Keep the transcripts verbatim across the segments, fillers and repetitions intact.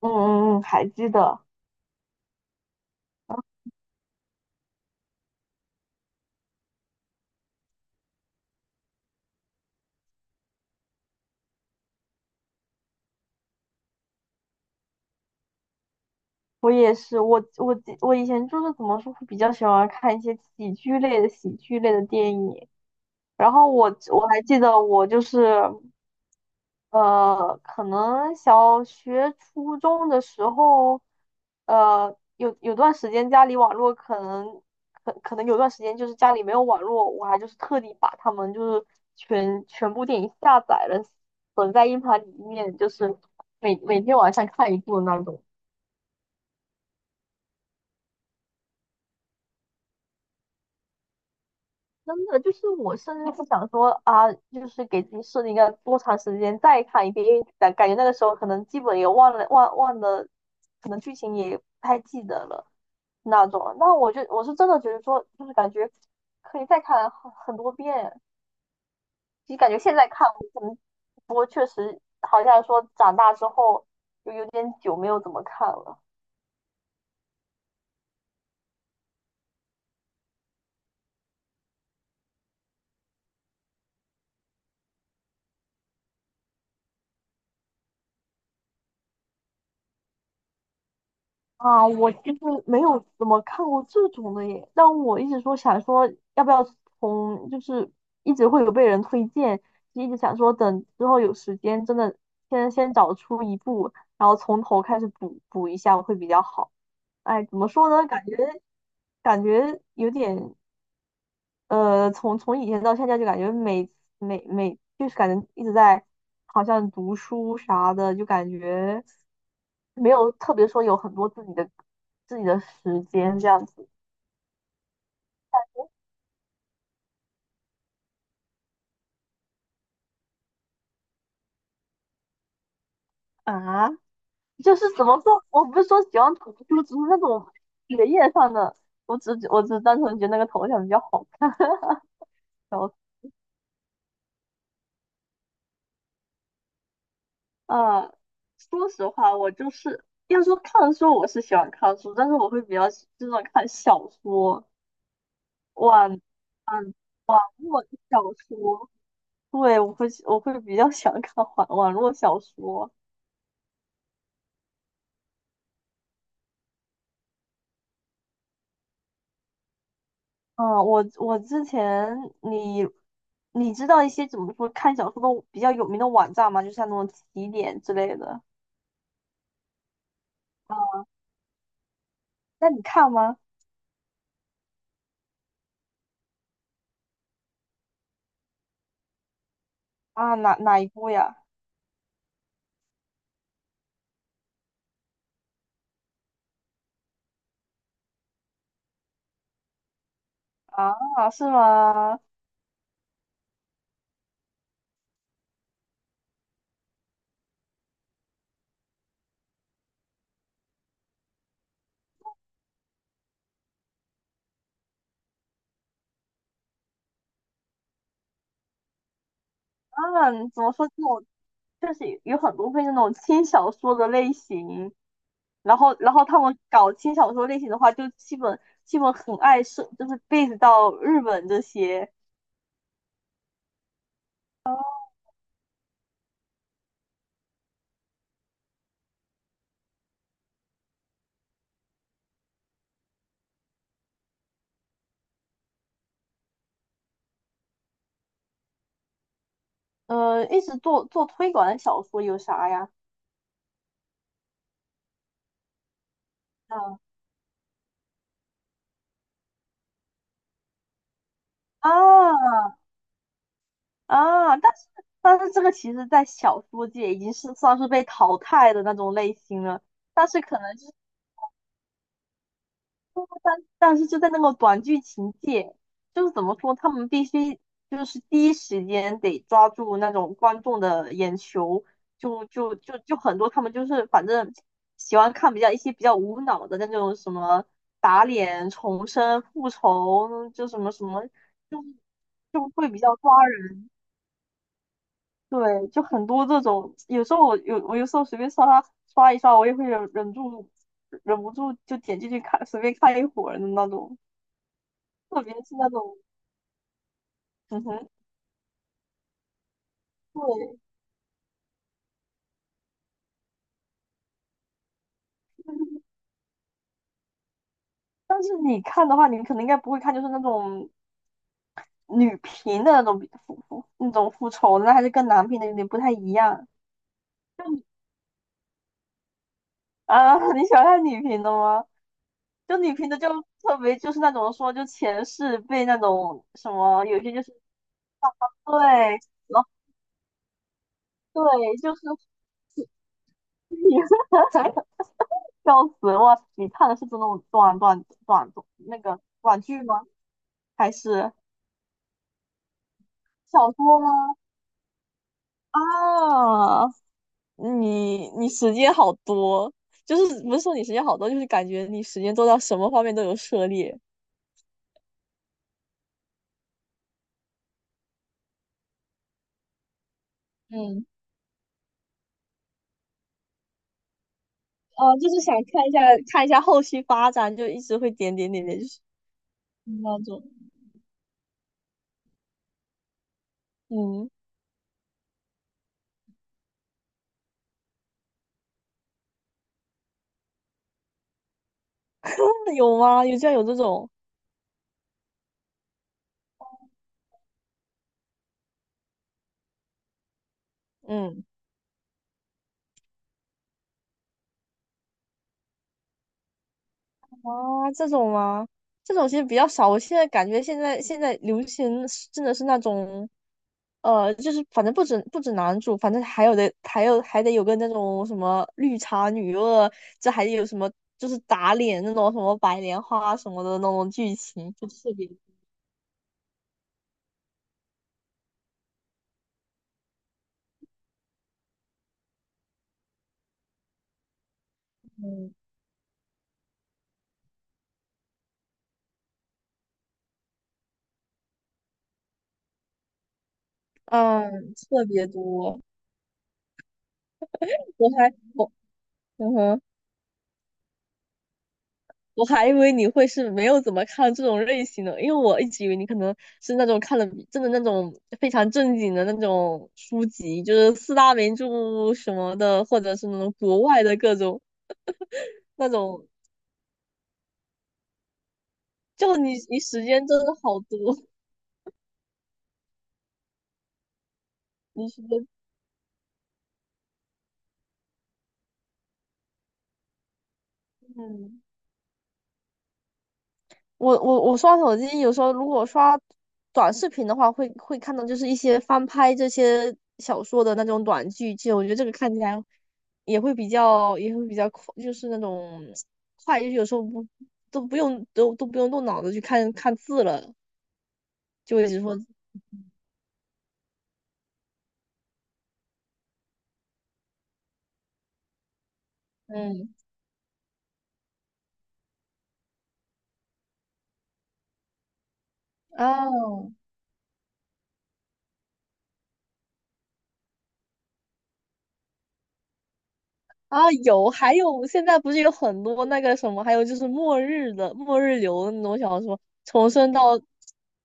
嗯嗯嗯，还记得。嗯我也是。我我记我以前就是怎么说，会比较喜欢看一些喜剧类的喜剧类的电影。然后我我还记得，我就是呃，可能小学、初中的时候，呃，有有段时间家里网络可能可可能有段时间就是家里没有网络，我还就是特地把他们就是全全部电影下载了，存在硬盘里面，就是每每天晚上看一部那种。真的就是我甚至不想说啊，就是给自己设定一个多长时间再看一遍，因为感感觉那个时候可能基本也忘了忘忘了，可能剧情也不太记得了那种了。那我就我是真的觉得说，就是感觉可以再看很很多遍。其实感觉现在看，我可能不过确实好像说长大之后就有点久没有怎么看了。啊，我其实没有怎么看过这种的耶，但我一直说想说要不要从，就是一直会有被人推荐，就一直想说等之后有时间，真的先先找出一部，然后从头开始补补一下会比较好。哎，怎么说呢？感觉感觉有点，呃，从从以前到现在，就感觉每每每就是感觉一直在好像读书啥的，就感觉没有特别说有很多自己的自己的时间这样子。啊，就是怎么说，我不是说喜欢读书，只是那种学业上的，我只我只单纯觉得那个头像比较好看。然后呃，说实话，我就是要说看书，我是喜欢看书，但是我会比较喜就是那种看小说。哇，嗯。络的小说，对，我会我会比较想看网网络小说。嗯，我我之前你你知道一些怎么说看小说的比较有名的网站吗？就像那种起点之类的。啊，那你看吗？啊，哪哪一部呀？啊，是吗？啊，怎么说这种就是有很多会那种轻小说的类型，然后然后他们搞轻小说类型的话，就基本基本很爱是就是 base 到日本这些。呃，一直做做推广的小说有啥呀？啊啊啊，但是但是这个其实，在小说界已经是算是被淘汰的那种类型了。但是可能就是，但是就在那个短剧情界，就是怎么说，他们必须就是第一时间得抓住那种观众的眼球，就就就就很多他们就是反正喜欢看比较一些比较无脑的那种什么打脸、重生、复仇，就什么什么。就。就会比较抓人。对，就很多这种，有时候我有我有时候随便刷刷一刷，我也会忍忍住，忍不住就点进去看，随便看一会儿的那种。特别是那种，嗯哼，对。但是你看的话，你可能应该不会看，就是那种女频的那种比复复那种复仇的，那还是跟男频的有点不太一样。就啊，你喜欢看女频的吗？就女频的就特别就是那种说就前世被那种什么，有些就是对，然后。对，就是你，笑死我！你看的是这种短短短那个短剧吗？还是小说吗？啊，你你时间好多，就是不是说你时间好多，就是感觉你时间做到什么方面都有涉猎。嗯，呃，就是想看一下看一下后续发展，就一直会点点点点，就是那种，嗯，真的有吗？有这样有这种，嗯。啊，这种吗？这种其实比较少。我现在感觉现在现在流行是真的是那种，呃，就是反正不止不止男主，反正还有的还有还得有个那种什么绿茶女二，这还有什么就是打脸那种什么白莲花什么的那种剧情，就特别嗯嗯特别多。我还我嗯哼。我还以为你会是没有怎么看这种类型的，因为我一直以为你可能是那种看了比真的那种非常正经的那种书籍，就是四大名著什么的，或者是那种国外的各种那种，就你你时间真的好多，你时间嗯。我我我刷手机，有时候如果刷短视频的话，会会看到就是一些翻拍这些小说的那种短剧集，我觉得这个看起来也会比较也会比较快，就是那种快，就是有时候不都不用都都不用动脑子去看看字了，就会一直说嗯哦啊，有，还有现在不是有很多那个什么，还有就是末日的末日流的那种小说，重生到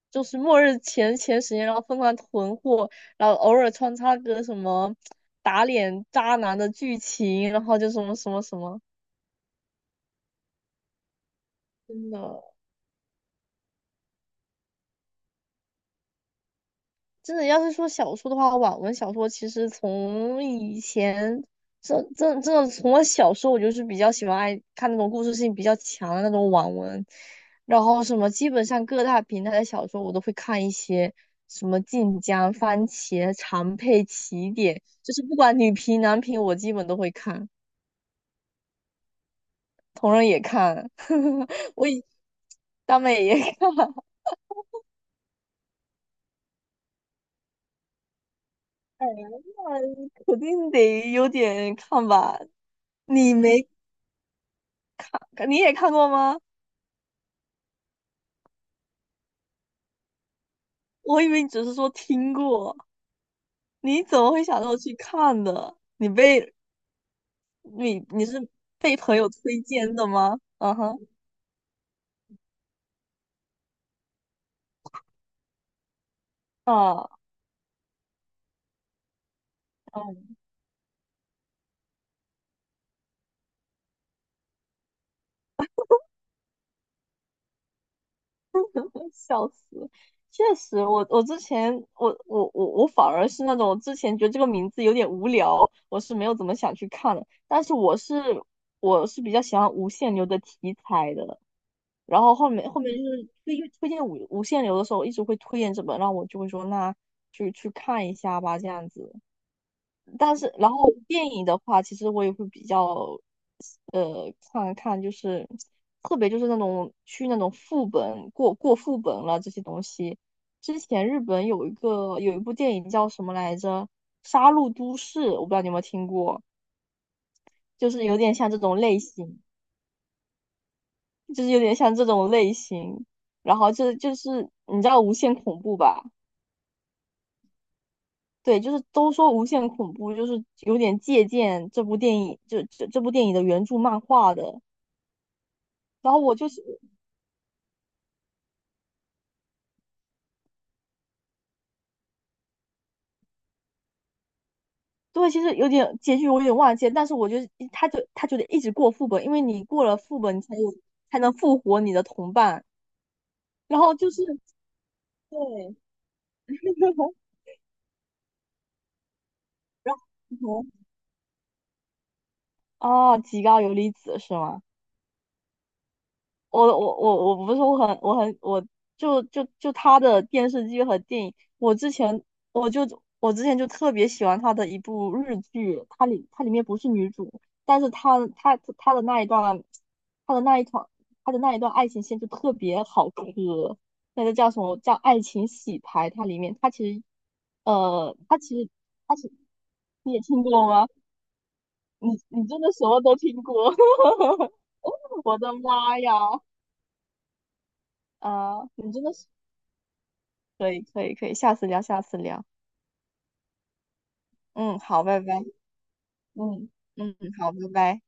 就是末日前前十年，然后疯狂囤货，然后偶尔穿插个什么打脸渣男的剧情，然后就什么什么什么。真的真的，要是说小说的话，网文小说其实从以前，这这这从我小时候，我就是比较喜欢爱看那种故事性比较强的那种网文，然后什么基本上各大平台的小说我都会看一些，什么晋江、番茄、长佩、起点，就是不管女频男频，我基本都会看，同人也看，我以大美也看，哎呀，那肯定得有点看吧。你没你也看过吗？我以为你只是说听过，你怎么会想到去看的？你被你你是被朋友推荐的吗？嗯哼，啊，嗯，笑死！确实，我我之前我我我我反而是那种，我之前觉得这个名字有点无聊，我是没有怎么想去看的。但是我是我是比较喜欢无限流的题材的，然后后面后面就是推推荐无无限流的时候，一直会推荐这本，然后我就会说那去去看一下吧，这样子。但是然后电影的话，其实我也会比较呃看看，就是特别就是那种去那种副本过过副本了这些东西。之前日本有一个有一部电影叫什么来着，《杀戮都市》，我不知道你有没有听过，就是有点像这种类型。就是有点像这种类型。然后这就是你知道《无限恐怖》吧？对，就是都说《无限恐怖》就是有点借鉴这部电影，就这这部电影的原著漫画的。然后我就是对，其实有点结局我有点忘记了，但是我觉得他就他就得一直过副本，因为你过了副本，你才有才能复活你的同伴。然后就是对，然后哦，极高游离子是吗？我我我我不是我很我很我就就就他的电视剧和电影，我之前我就我之前就特别喜欢他的一部日剧，它里它里面不是女主，但是他他他的那一段，他的那一场他的那一段爱情线就特别好磕。那个叫什么叫爱情洗牌，它里面它其实呃它其实它是你也听过吗？你你真的什么都听过，我的妈呀！啊，你真的是。可以可以可以，下次聊，下次聊。嗯，好，拜拜。嗯嗯，好，拜拜。